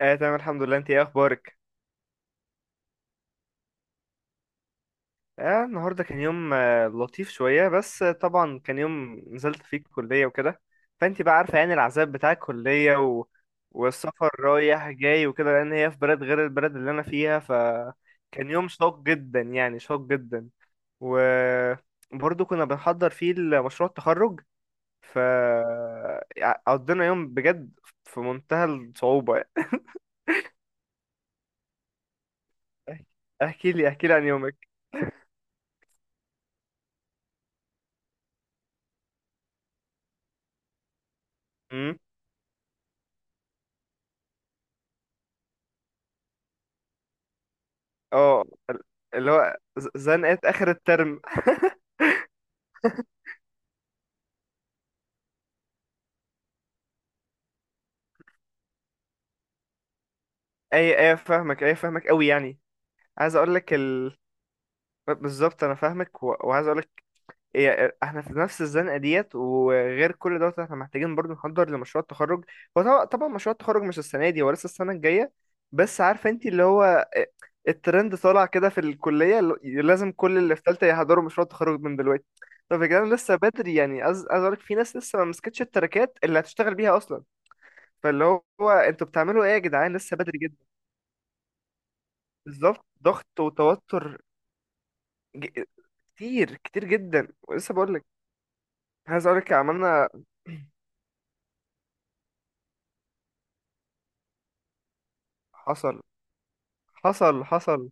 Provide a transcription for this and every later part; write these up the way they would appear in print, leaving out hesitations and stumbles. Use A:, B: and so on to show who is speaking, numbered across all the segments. A: اه تمام، الحمد لله. انت ايه اخبارك؟ اه النهارده كان يوم لطيف شويه، بس طبعا كان يوم نزلت فيه الكليه وكده. فانت بقى عارفه يعني العذاب بتاع الكليه والسفر رايح جاي وكده، لان هي في بلد غير البلد اللي انا فيها، فكان يوم شاق جدا يعني شاق جدا. وبرضه كنا بنحضر فيه مشروع التخرج. ف قضينا يوم بجد في منتهى الصعوبه. احكي لي احكي لي عن يومك. اه ال- زنقت اخر الترم. اي اي، فاهمك، اي فاهمك قوي يعني. عايز اقول لك ال... بالظبط انا فاهمك وعايز اقول لك، إيه احنا في نفس الزنقه ديت، وغير كل دوت احنا محتاجين برضو نحضر لمشروع التخرج. هو طبعا طبعا مشروع التخرج مش السنه دي، هو لسه السنه الجايه. بس عارفه انت اللي هو إيه، الترند طالع كده في الكليه، لازم كل اللي في ثالثه يحضروا مشروع التخرج من دلوقتي. طب يا جدعان لسه بدري يعني، عايز اقول لك في ناس لسه ما مسكتش التراكات اللي هتشتغل بيها اصلا. فاللي هو انتوا بتعملوا ايه يا جدعان؟ لسه بدري جدا. بالظبط، ضغط وتوتر. ج... كتير كتير جدا، ولسه بقول لك عايز اقول لك عملنا. حصل، حصل، حصل.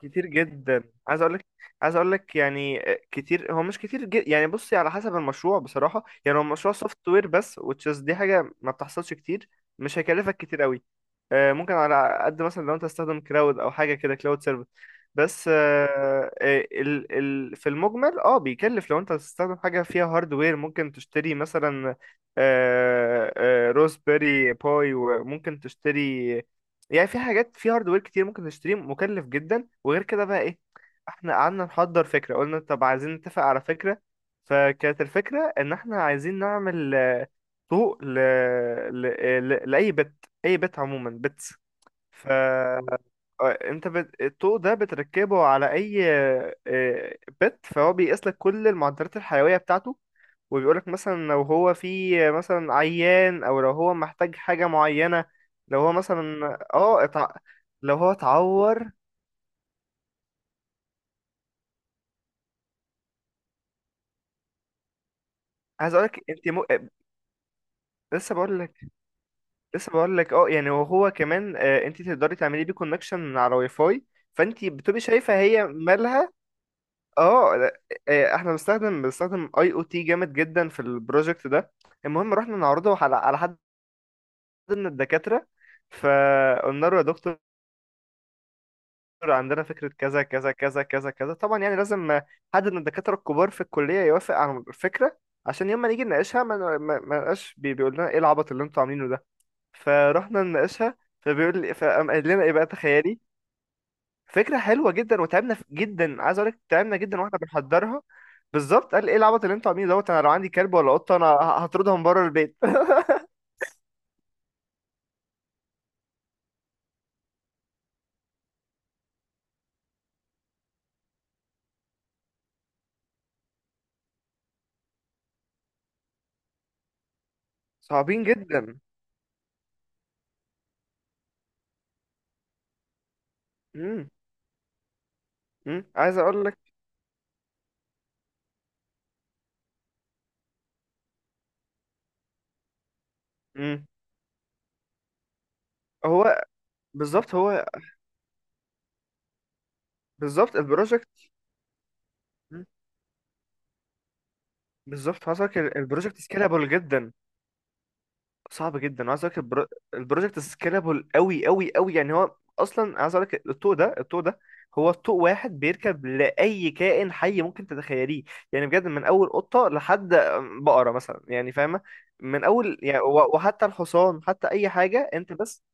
A: كتير جدا، عايز اقول لك، عايز اقول لك يعني كتير. هو مش كتير جد يعني، بصي على حسب المشروع بصراحه. يعني هو مشروع سوفت وير بس، وتشيز دي حاجه ما بتحصلش كتير. مش هيكلفك كتير قوي. ممكن على قد مثلا لو انت تستخدم كلاود او حاجه كده، كلاود سيرفيس. بس ال في المجمل بيكلف. لو انت هتستخدم حاجه فيها هاردوير، ممكن تشتري مثلا روزبيري باي، وممكن تشتري، يعني في حاجات في هاردوير كتير ممكن تشتريه مكلف جدا. وغير كده بقى ايه، احنا قعدنا نحضر فكرة. قلنا طب عايزين نتفق على فكرة، فكانت الفكرة ان احنا عايزين نعمل طوق ل... لأي بت، اي بت عموما، بتس. ف آه، الطوق ده بتركبه على اي بت، فهو بيقيس لك كل المعدلات الحيوية بتاعته، وبيقولك مثلا لو هو فيه مثلا عيان، او لو هو محتاج حاجة معينة. لو هو مثلا لو هو اتعور. عايز اقولك انت م... لسه بقول لك لسه بقول لك يعني. وهو كمان انت تقدري تعملي بيه كونكشن من على واي فاي، فانت بتبقي شايفه هي مالها. اه لا، احنا بنستخدم اي او تي جامد جدا في البروجكت ده. المهم، رحنا نعرضه على حد من الدكاتره. فقلنا له يا دكتور، عندنا فكره كذا كذا كذا كذا كذا، طبعا يعني لازم حد من الدكاتره الكبار في الكليه يوافق على الفكره، عشان يوم ما نيجي نناقشها ما نبقاش بيقول لنا ايه العبط اللي انتوا عاملينه ده. فرحنا نناقشها، فبيقول لي فقام قال لنا ايه بقى، تخيلي، فكره حلوه جدا وتعبنا جدا. عايز اقول لك تعبنا جدا واحنا بنحضرها. بالظبط، قال ايه العبط اللي انتوا عاملينه دوت؟ انا لو عندي كلب ولا قطه انا هطردهم بره البيت. صعبين جدا. امم عايز اقول لك، امم هو هو بالظبط البروجكت. مم. بالظبط، حصل، البروجكت سكيلابل جدا، صعب جدا. وعايز اقول لك البروجكت سكيلابل قوي قوي قوي، يعني هو اصلا عايز اقول لك، الطوق ده هو طوق واحد بيركب لاي كائن حي ممكن تتخيليه. يعني بجد من اول قطه لحد بقره مثلا، يعني فاهمه، من اول يعني وحتى الحصان، حتى اي حاجه انت بس.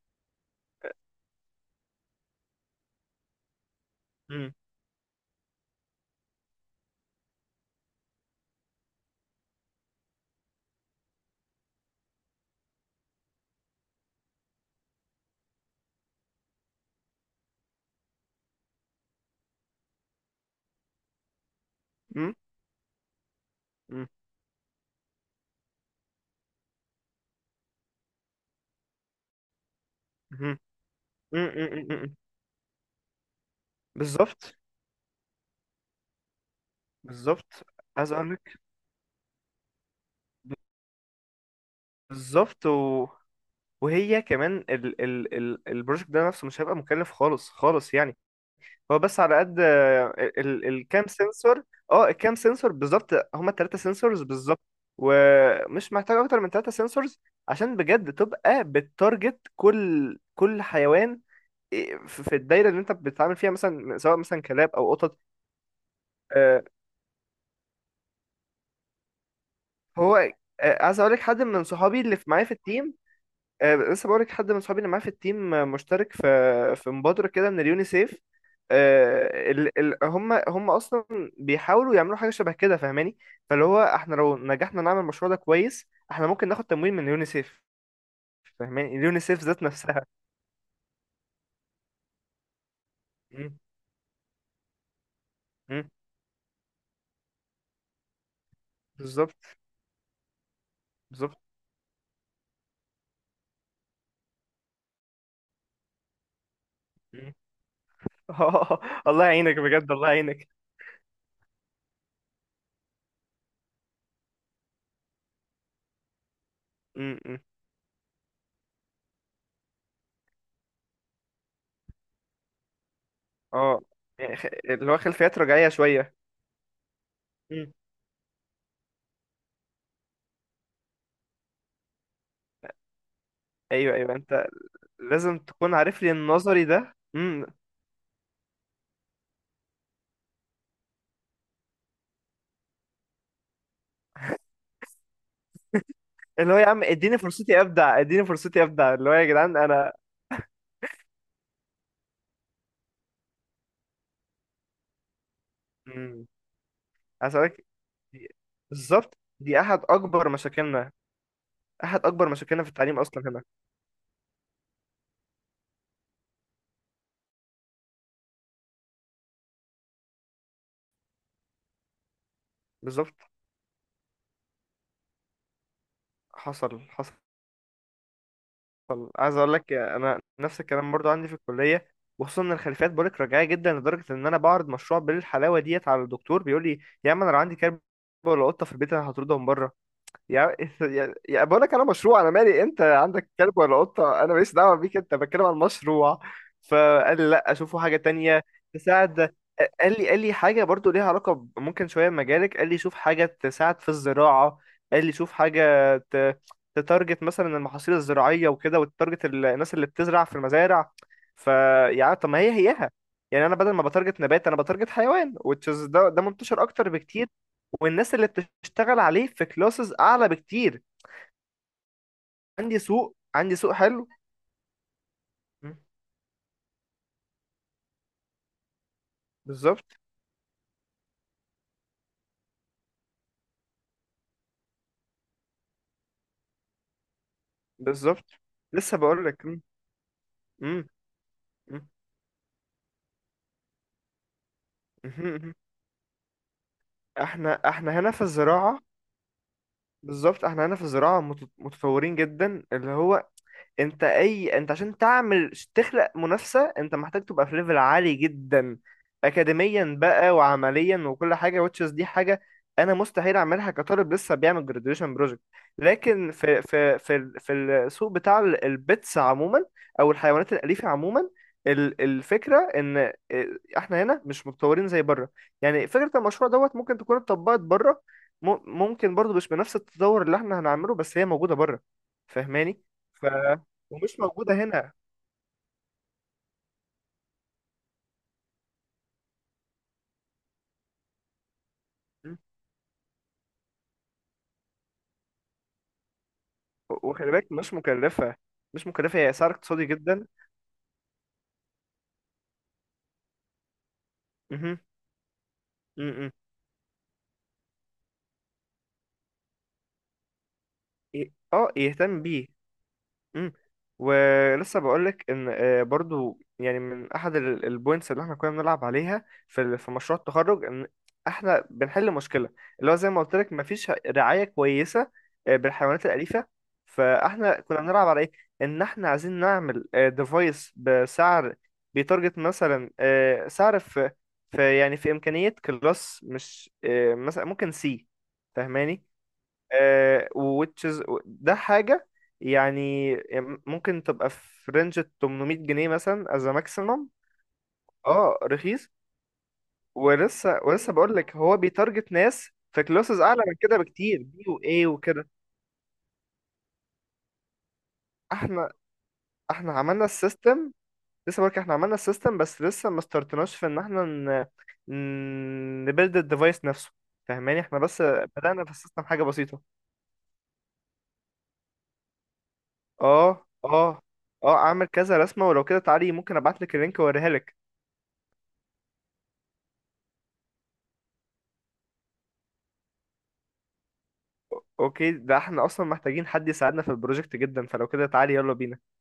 A: مم. مم. مم. مم. مم. مم. مم. بالظبط، بالظبط، عايز اقول لك، بالظبط. وهي كمان ال ال ال البروجكت ده نفسه مش هيبقى مكلف خالص خالص يعني. هو بس على قد الكام سنسور. اه الكام سنسور بالظبط، هما التلاتة سنسورز بالظبط. ومش محتاج اكتر من تلاتة سنسورز عشان بجد تبقى بتارجت كل كل حيوان، إيه، في في الدايرة اللي انت بتتعامل فيها، مثلا سواء مثلا كلاب او قطط. آه، هو آه، عايز اقول لك حد من صحابي اللي معايا في التيم، لسه بقولك حد من صحابي اللي معاه في التيم مشترك في في مبادرة كده من اليونيسيف. آه، ال... ال... هم هم اصلا بيحاولوا يعملوا حاجة شبه كده، فاهماني. فاللي هو احنا لو نجحنا نعمل المشروع ده كويس، احنا ممكن ناخد تمويل من اليونيسيف. فاهماني، اليونيسيف ذات نفسها. مم، مم، بالظبط، بالظبط. مم. الله يعينك بجد، الله يعينك. مم، مم. اه اللي هو خلفيات رجعية شوية. مم. ايوه ايوه، انت لازم تكون عارف لي النظري ده. مم، اللي هو يا عم اديني فرصتي ابدع، اديني فرصتي ابدع، اللي هو يا جدعان انا. مم. هسألك. دي- بالظبط دي احد اكبر مشاكلنا في التعليم اصلا هنا. بالظبط، حصل، حصل. عايز اقول لك انا نفس الكلام برضو عندي في الكليه، وخصوصا ان الخلفيات بقولك رجعيه جدا لدرجه ان انا بعرض مشروع بالحلاوه ديت على الدكتور، بيقول لي يا عم انا لو عندي كلب ولا قطه في البيت انا هطردهم بره. يا بقول لك انا مشروع، انا مالي انت عندك كلب ولا قطه، انا ماليش دعوه بيك، انت بتكلم عن مشروع. فقال لي لا، اشوفه حاجه تانية تساعد. قال لي حاجه برضو ليها علاقه ممكن شويه بمجالك. قال لي شوف حاجه تساعد في الزراعه. قال لي شوف حاجه تتارجت مثلا المحاصيل الزراعيه وكده، وتارجت الناس اللي بتزرع في المزارع. فيعني، طب ما هي هيها. يعني انا بدل ما بتارجت نبات انا بتارجت حيوان، وتشز ده ده منتشر اكتر بكتير. والناس اللي بتشتغل عليه في كلاسز اعلى بكتير. عندي سوق حلو. مم. بالظبط، بالظبط، لسه بقول لك. مم. مم. مم. مهم. مهم. احنا هنا في الزراعه، بالظبط احنا هنا في الزراعه متطورين جدا. اللي هو انت عشان تعمل تخلق منافسة انت محتاج تبقى في ليفل عالي جدا اكاديميا بقى وعمليا وكل حاجة. وتشز دي حاجة انا مستحيل اعملها كطالب لسه بيعمل جراديويشن بروجكت. لكن في السوق بتاع البيتس عموما، او الحيوانات الأليفة عموما، الفكرة ان احنا هنا مش متطورين زي بره. يعني فكرة المشروع دوت ممكن تكون اتطبقت بره، ممكن برضو مش بنفس التطور اللي احنا هنعمله، بس هي موجودة بره، فاهماني، ومش موجودة هنا. مم. وخلي بالك مش مكلفة، مش مكلفة، هي سعر اقتصادي جدا. مهم. مم. مم. يهتم بيه. مم. ولسه بقولك ان برضو يعني من احد البوينتس اللي احنا كنا بنلعب عليها في في مشروع التخرج ان احنا بنحل مشكله، اللي هو زي ما قلت لك مفيش رعايه كويسه بالحيوانات الاليفه. فاحنا كنا بنلعب على ايه، ان احنا عايزين نعمل ديفايس بسعر بيتارجت مثلا سعر في في يعني في امكانيه كلاس مش مثلا ممكن سي، فاهماني. ووتشز ده حاجة، يعني ممكن تبقى في رينج 800 جنيه مثلا از ماكسيمم. اه رخيص. ولسه ولسه بقول لك هو بيتارجت ناس في كلاسز اعلى من كده بكتير بي واي وكده. احنا احنا عملنا السيستم، لسه بقولك احنا عملنا السيستم، بس لسه ما استرتناش في ان احنا نبيلد الديفايس نفسه، فاهماني. احنا بس بدأنا في السيستم حاجة بسيطة. اه اه اه اعمل كذا رسمة، ولو كده تعالي ممكن ابعتلك اللينك واوريها لك. اوكي، ده احنا اصلا محتاجين حد يساعدنا في البروجكت جدا، فلو كده تعالي يلا بينا.